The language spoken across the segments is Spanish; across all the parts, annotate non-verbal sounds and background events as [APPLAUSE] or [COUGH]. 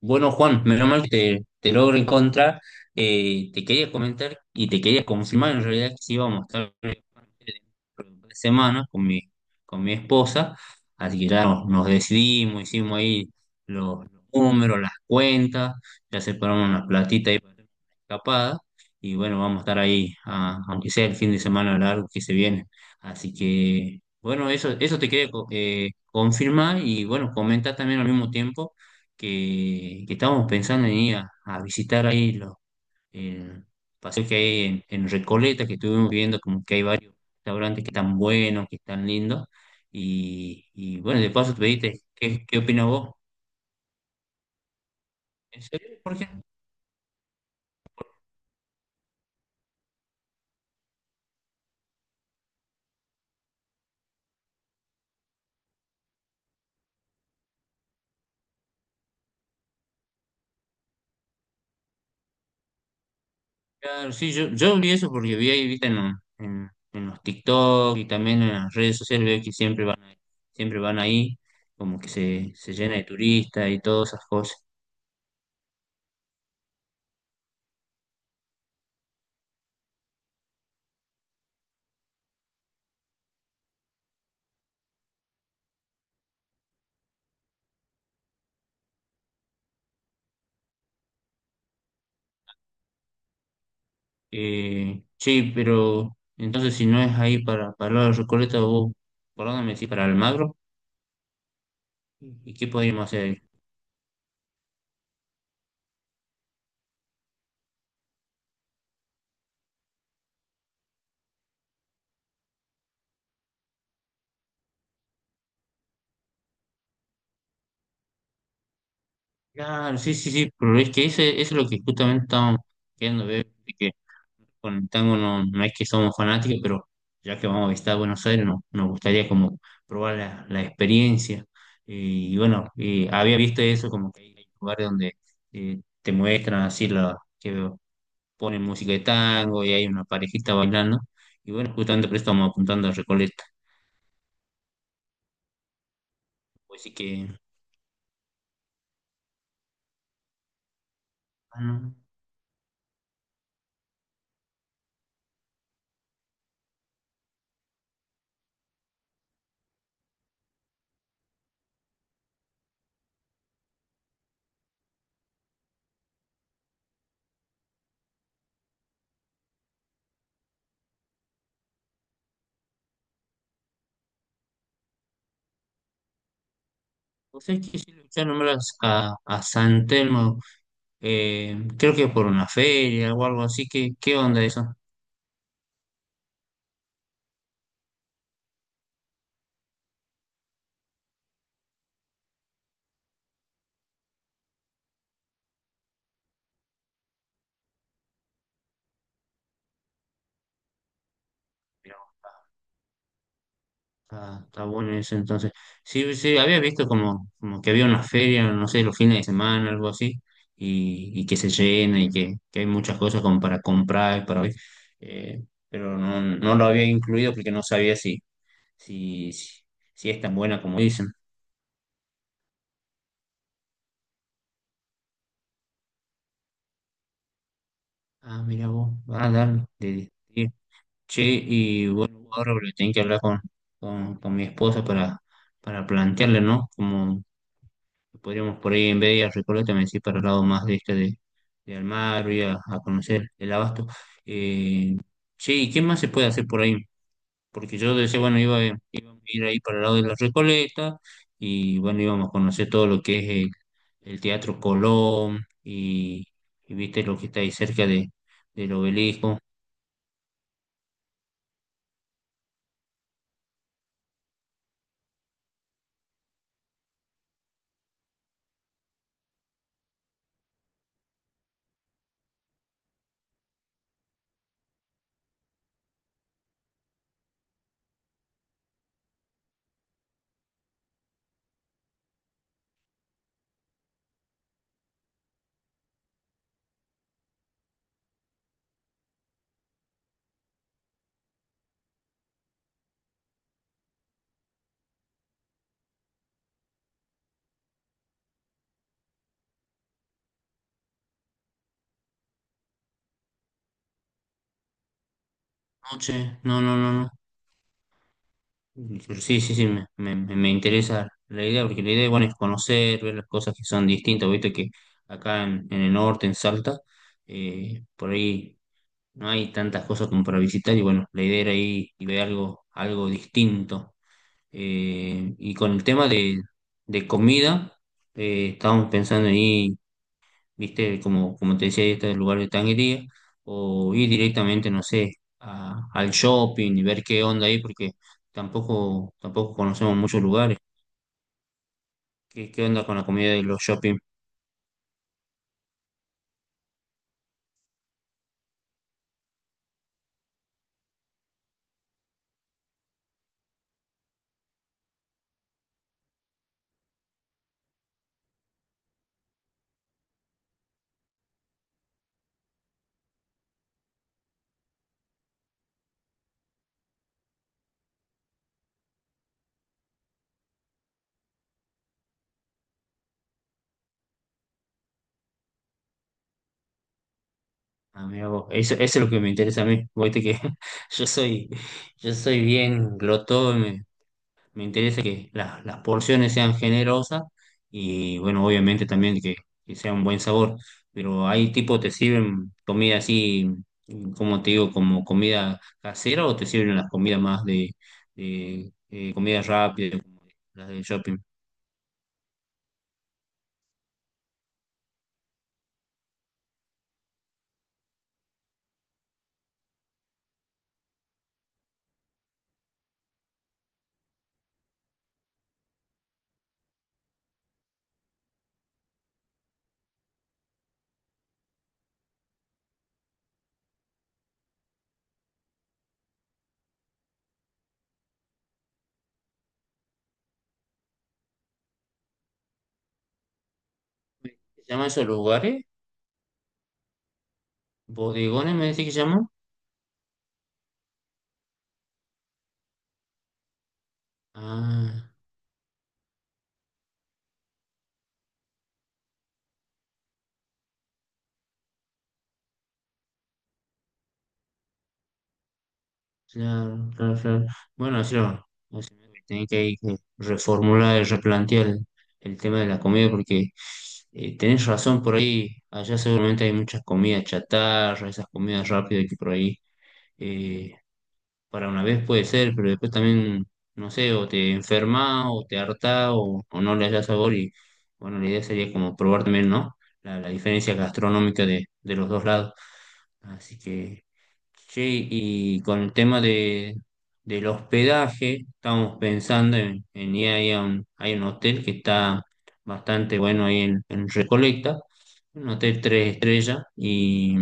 Bueno, Juan, menos mal que te logro en contra. Te quería comentar y te quería confirmar en realidad que sí íbamos a estar dentro de un par de semanas con con mi esposa. Así que ya nos decidimos, hicimos ahí los números, las cuentas, ya separamos una platita ahí para hacer una escapada. Y bueno, vamos a estar ahí, aunque sea el fin de semana largo que se viene. Así que, bueno, eso te quería confirmar y bueno, comentar también al mismo tiempo que estábamos pensando en ir a visitar ahí los el paseo que hay en Recoleta, que estuvimos viendo como que hay varios restaurantes que están buenos, que están lindos, y bueno, de paso te pediste, ¿qué, qué opinas vos? ¿En serio? ¿Por qué? Claro, sí, yo vi eso porque vi ahí, viste, en los TikTok y también en las redes sociales, veo que siempre van ahí, como que se llena de turistas y todas esas cosas. Sí, pero entonces si no es ahí para la Recoleta, vos, ¿por dónde me decís? ¿Para Almagro? ¿Y qué podríamos hacer ahí? Claro, sí, sí, sí, pero es que eso es lo que justamente estamos queriendo ver, de que con el tango no, no es que somos fanáticos, pero ya que vamos a visitar Buenos Aires, no, nos gustaría como probar la experiencia. Había visto eso como que hay lugares donde te muestran así la, que ponen música de tango y hay una parejita bailando. Y bueno, justamente por eso estamos apuntando a Recoleta. Así que, bueno, pues es que sí lo escuché a San Telmo, creo que por una feria o algo así. ¿Qué, qué onda eso? Pero está, está bueno eso entonces. Sí, sí, había visto como, como que había una feria, no sé, los fines de semana, algo así, y que se llena y que hay muchas cosas como para comprar, y para ver. Eh, pero no, no lo había incluido porque no sabía si, si, si es tan buena como dicen. Ah, mira vos, ah, dale, che, y bueno, ahora voy a tener que hablar con mi esposa para plantearle, ¿no? Como podríamos por ahí en vez de ir a Recoleta, me decís para el lado más de de Almagro y a conocer el Abasto. Eh, Che, ¿y qué más se puede hacer por ahí? Porque yo decía, bueno, iba a ir ahí para el lado de la Recoleta y bueno, íbamos a conocer todo lo que es el Teatro Colón y viste lo que está ahí del obelisco. Noche no, no, no, no. Pero sí, sí, sí, me interesa la idea, porque la idea, bueno, es conocer, ver las cosas que son distintas, viste que acá en el norte, en Salta, por ahí no hay tantas cosas como para visitar y bueno, la idea era ir y ver algo, algo distinto. Y con el tema de comida, estábamos pensando ahí, viste, como, como te decía, este lugar de tanguería, o ir directamente, no sé, al shopping y ver qué onda ahí, porque tampoco, tampoco conocemos muchos lugares. ¿Qué, qué onda con la comida de los shopping? Ah, mira vos, eso es lo que me interesa a mí. Viste que [LAUGHS] yo soy, yo soy bien glotón. Me interesa que las porciones sean generosas y bueno, obviamente también que sea un buen sabor. Pero hay tipo, ¿te sirven comida así, como te digo, como comida casera o te sirven las comidas más de comida rápida, como las de shopping? ¿Se llaman esos lugares? ¿Bodegones me decís que llaman? Ah. Claro, claro, claro. Bueno, yo, o sea, tenía que, ahí que reformular y replantear el tema de la comida porque tenés razón por ahí, allá seguramente hay muchas comidas chatarra, esas comidas rápidas que por ahí eh, para una vez puede ser, pero después también, no sé, o te enfermas o te hartás o no le hallas sabor y bueno, la idea sería como probar también, ¿no? La diferencia gastronómica de los dos lados. Así que, sí, y con el tema del hospedaje, estamos pensando en ir ahí a un, hay un hotel que está bastante bueno ahí en Recoleta, un hotel 3 estrellas,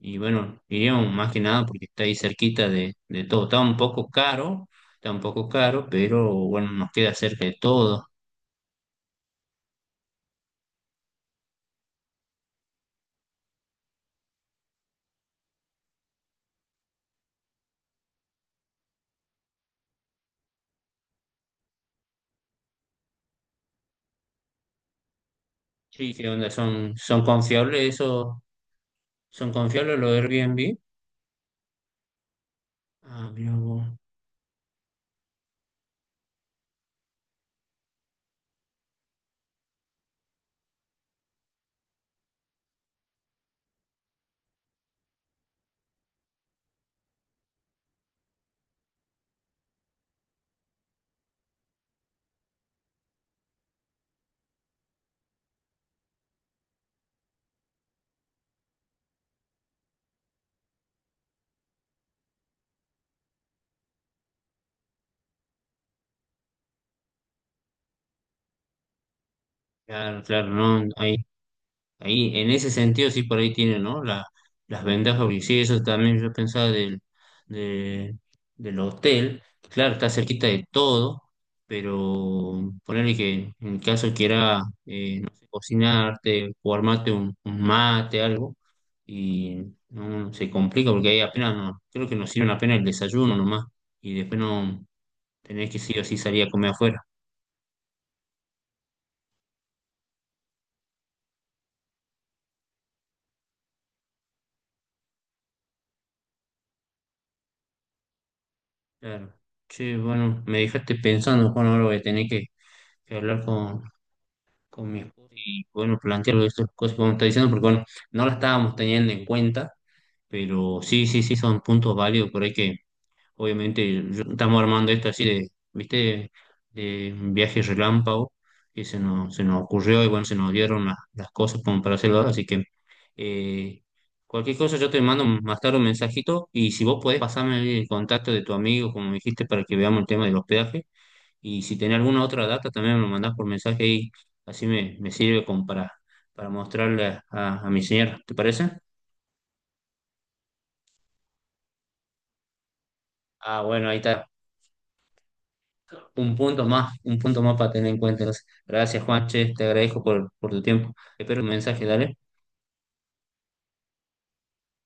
y bueno, iríamos más que nada porque está ahí cerquita de todo. Está un poco caro, está un poco caro, pero bueno, nos queda cerca de todo. Sí, ¿qué onda? ¿Son, son confiables esos? ¿Son confiables los Airbnb? Ah, mira vos. Claro, claro, no, ahí ahí, en ese sentido, sí, por ahí tiene, ¿no? Las ventajas, porque sí, eso también yo pensaba de- del hotel. Claro, está cerquita de todo, pero ponerle que en caso quiera, no sé, cocinarte o armarte un mate, algo, y no se complica porque ahí apenas, no, creo que nos sirven apenas el desayuno nomás, y después no tenés que sí o sí salir a comer afuera. Claro. Che, bueno, me dejaste pensando, Juan, ahora voy a tener que hablar con mi esposa y bueno, plantearlo estas cosas que vos me estás diciendo, porque bueno, no las estábamos teniendo en cuenta, pero sí, sí, sí, son puntos válidos, por ahí que obviamente estamos armando esto así de, ¿viste? De un viaje relámpago que se nos ocurrió y bueno, se nos dieron las cosas como para hacerlo ahora, así que eh, cualquier cosa yo te mando más tarde un mensajito y si vos podés pasarme el contacto de tu amigo, como me dijiste, para que veamos el tema del hospedaje y si tenés alguna otra data, también me lo mandás por mensaje y así me sirve como para mostrarle a mi señora. ¿Te parece? Ah, bueno, ahí está. Un punto más para tener en cuenta. Gracias, Juanche. Te agradezco por tu tiempo. Espero un mensaje, dale.